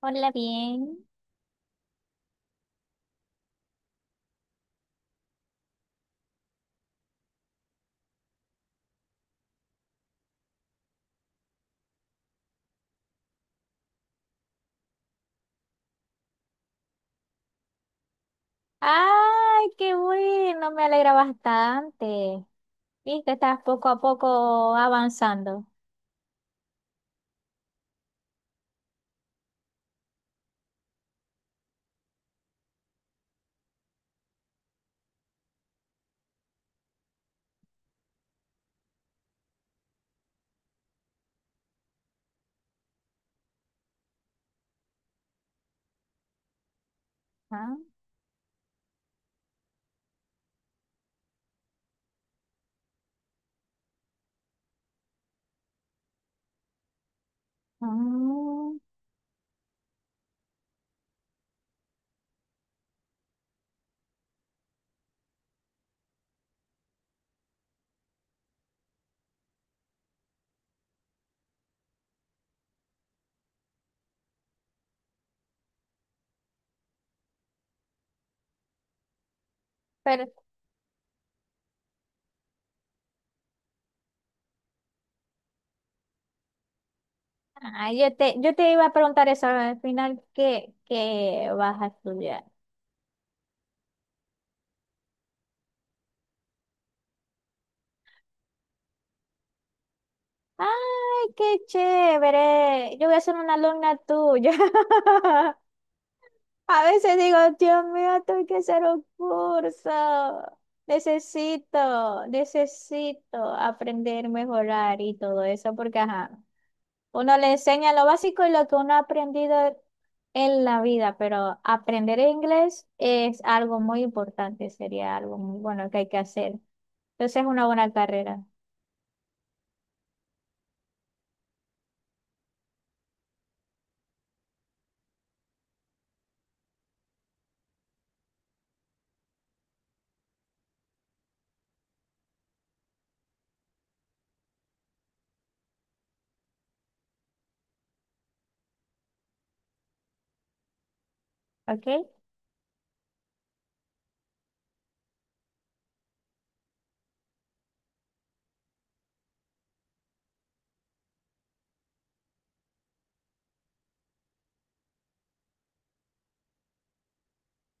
Hola, bien. Ay, qué bueno, me alegra bastante. Viste, estás poco a poco avanzando. Ah, mm, pero yo te iba a preguntar eso al final, ¿qué, qué vas a estudiar? Ay, qué chévere. Yo voy a ser una alumna tuya. A veces digo, Dios mío, esto que hacer un curso. Necesito aprender, mejorar y todo eso, porque ajá, uno le enseña lo básico y lo que uno ha aprendido en la vida, pero aprender inglés es algo muy importante, sería algo muy bueno que hay que hacer. Entonces es una buena carrera. ¿Ok?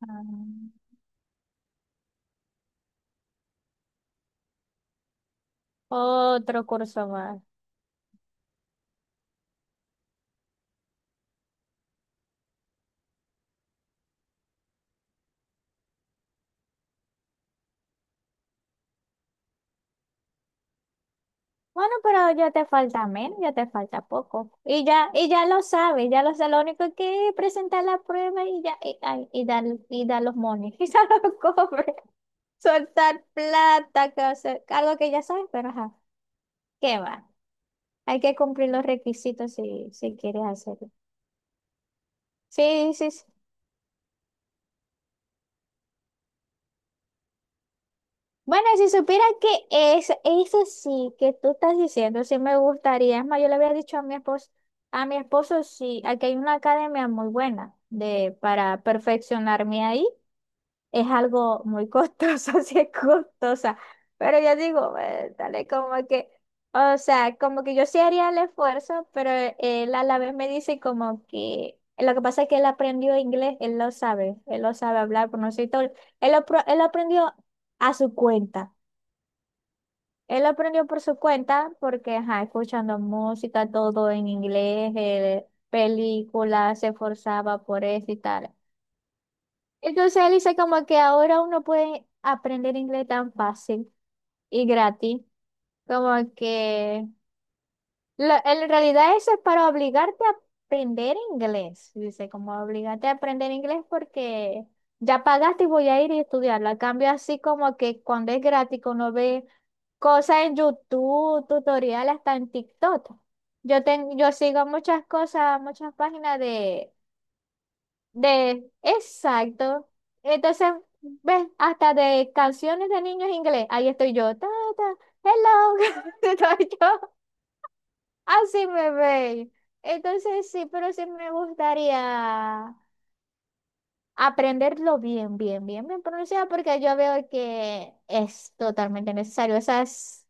Ah, otro curso más. Bueno, pero ya te falta menos, ya te falta poco. Y ya lo sabes, ya lo sabes. Lo único es que es presentar la prueba y ya, y, ay, y dar los mones, y dar los cobres, soltar plata, que, o sea, algo que ya sabes, pero ajá, ¿qué va? Hay que cumplir los requisitos si, si quieres hacerlo. Sí, sí, sí. Bueno, si supiera que es, eso sí que tú estás diciendo, sí me gustaría. Es más, yo le había dicho a mi esposo, sí, aquí hay una academia muy buena de, para perfeccionarme ahí. Es algo muy costoso, sí es costosa. Pero yo digo, dale, como que, o sea, como que yo sí haría el esfuerzo, pero él a la vez me dice como que, lo que pasa es que él aprendió inglés, él lo sabe hablar, pronunciar y todo. Él, él lo aprendió a su cuenta. Él aprendió por su cuenta porque, ajá, escuchando música, todo en inglés, películas, se esforzaba por eso y tal. Entonces él dice como que ahora uno puede aprender inglés tan fácil y gratis, como que en realidad eso es para obligarte a aprender inglés. Dice, como obligarte a aprender inglés porque ya pagaste y voy a ir y estudiarlo. A cambio, así como que cuando es gratis, que uno ve cosas en YouTube, tutoriales, hasta en TikTok. Yo sigo muchas cosas, muchas páginas de, exacto. Entonces, ves, hasta de canciones de niños inglés. Ahí estoy yo. Ta, ta, hello. Estoy yo. Así me bebé. Entonces sí, pero sí me gustaría aprenderlo bien, bien, bien, bien pronunciado, porque yo veo que es totalmente necesario. Esas,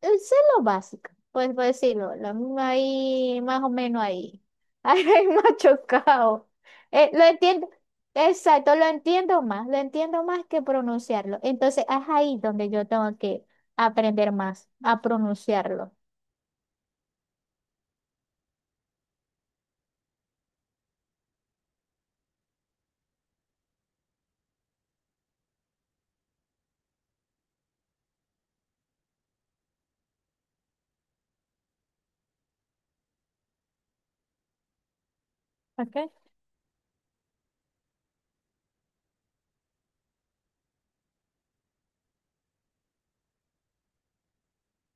es lo básico, pues por decirlo, lo mismo ahí, más o menos ahí. Ahí más chocado. Lo entiendo, exacto, lo entiendo más que pronunciarlo. Entonces es ahí donde yo tengo que aprender más a pronunciarlo. Ok.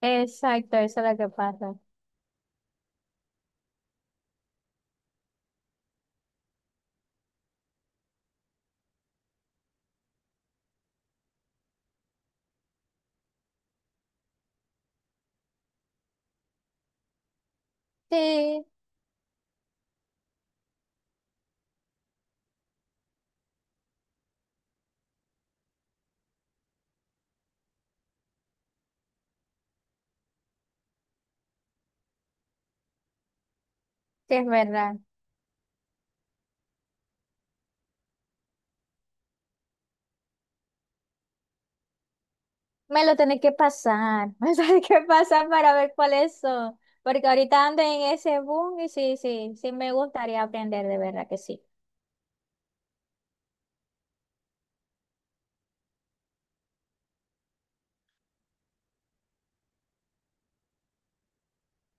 Exacto, eso es lo que pasa. Sí, sí, es verdad. Me lo tenés que pasar, me lo tenés que pasar para ver cuáles son. Porque ahorita ando en ese boom y sí, sí, sí me gustaría aprender, de verdad que sí.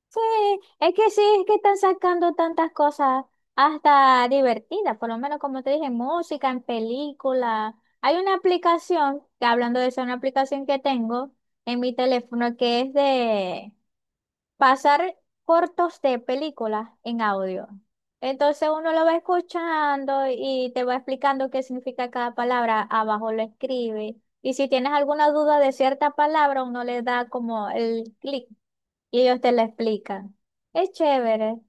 Sí, sí, es que están sacando tantas cosas hasta divertidas, por lo menos como te dije, música, en película. Hay una aplicación, que hablando de eso, una aplicación que tengo en mi teléfono que es de pasar cortos de películas en audio. Entonces uno lo va escuchando y te va explicando qué significa cada palabra, abajo lo escribe. Y si tienes alguna duda de cierta palabra, uno le da como el clic y ellos te la explican. Es chévere,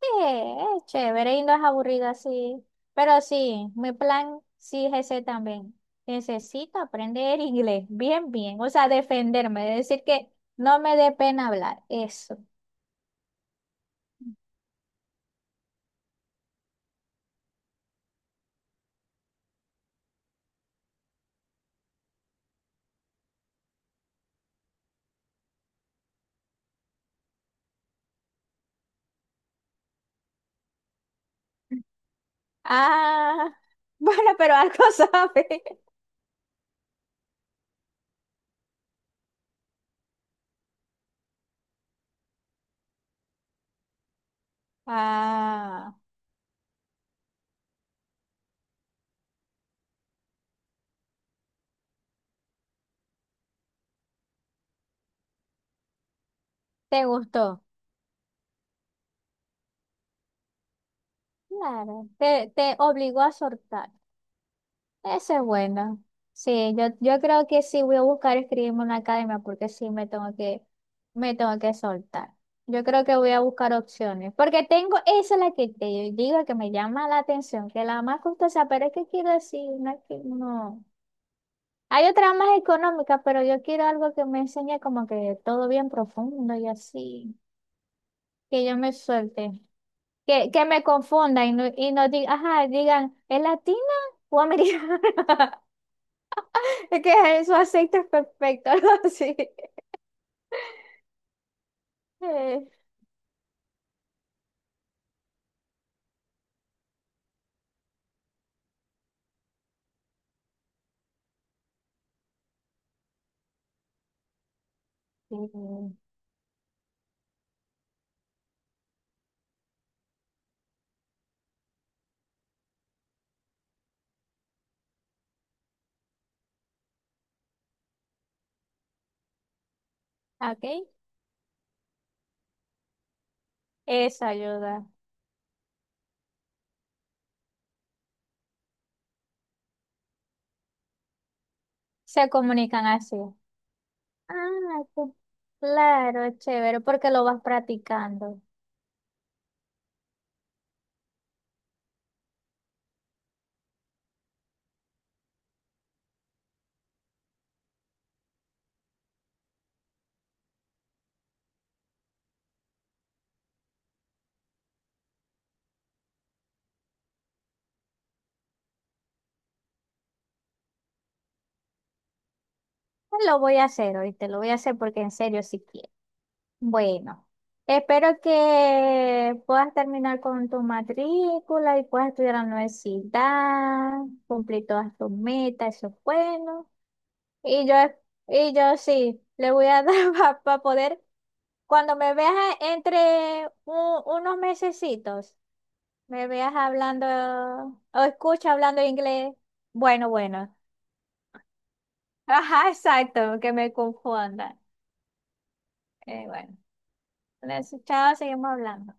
sí, es chévere y no es aburrida así. Pero sí, mi plan sí es ese también. Necesito aprender inglés, bien, bien. O sea, defenderme, decir que no me dé pena hablar, eso. Ah, bueno, pero algo sabe. Ah, ¿te gustó? Claro, te obligó a soltar. Eso es bueno. Sí, yo creo que sí voy a buscar escribirme una academia porque sí me tengo que soltar. Yo creo que voy a buscar opciones. Porque tengo, esa es la que te digo que me llama la atención, que la más costosa, pero es que quiero decir una que no. Hay otra más económica, pero yo quiero algo que me enseñe como que todo bien profundo y así. Que yo me suelte, que me confundan y no digan, ajá, digan, ¿es latina o americana? Es que eso aceite es perfecto, algo así. Eh, sí. Ok, esa ayuda. Se comunican así. Ah, claro, es chévere, porque lo vas practicando. Lo voy a hacer hoy, te lo voy a hacer porque en serio sí quiero. Bueno, espero que puedas terminar con tu matrícula y puedas estudiar en la universidad, cumplir todas tus metas, eso es bueno. Y yo, y yo sí, le voy a dar para poder, cuando me veas entre unos mesecitos, me veas hablando o escucha hablando inglés. Bueno, bueno. Ajá, exacto, que me confunda. Bueno, entonces, chao, seguimos hablando.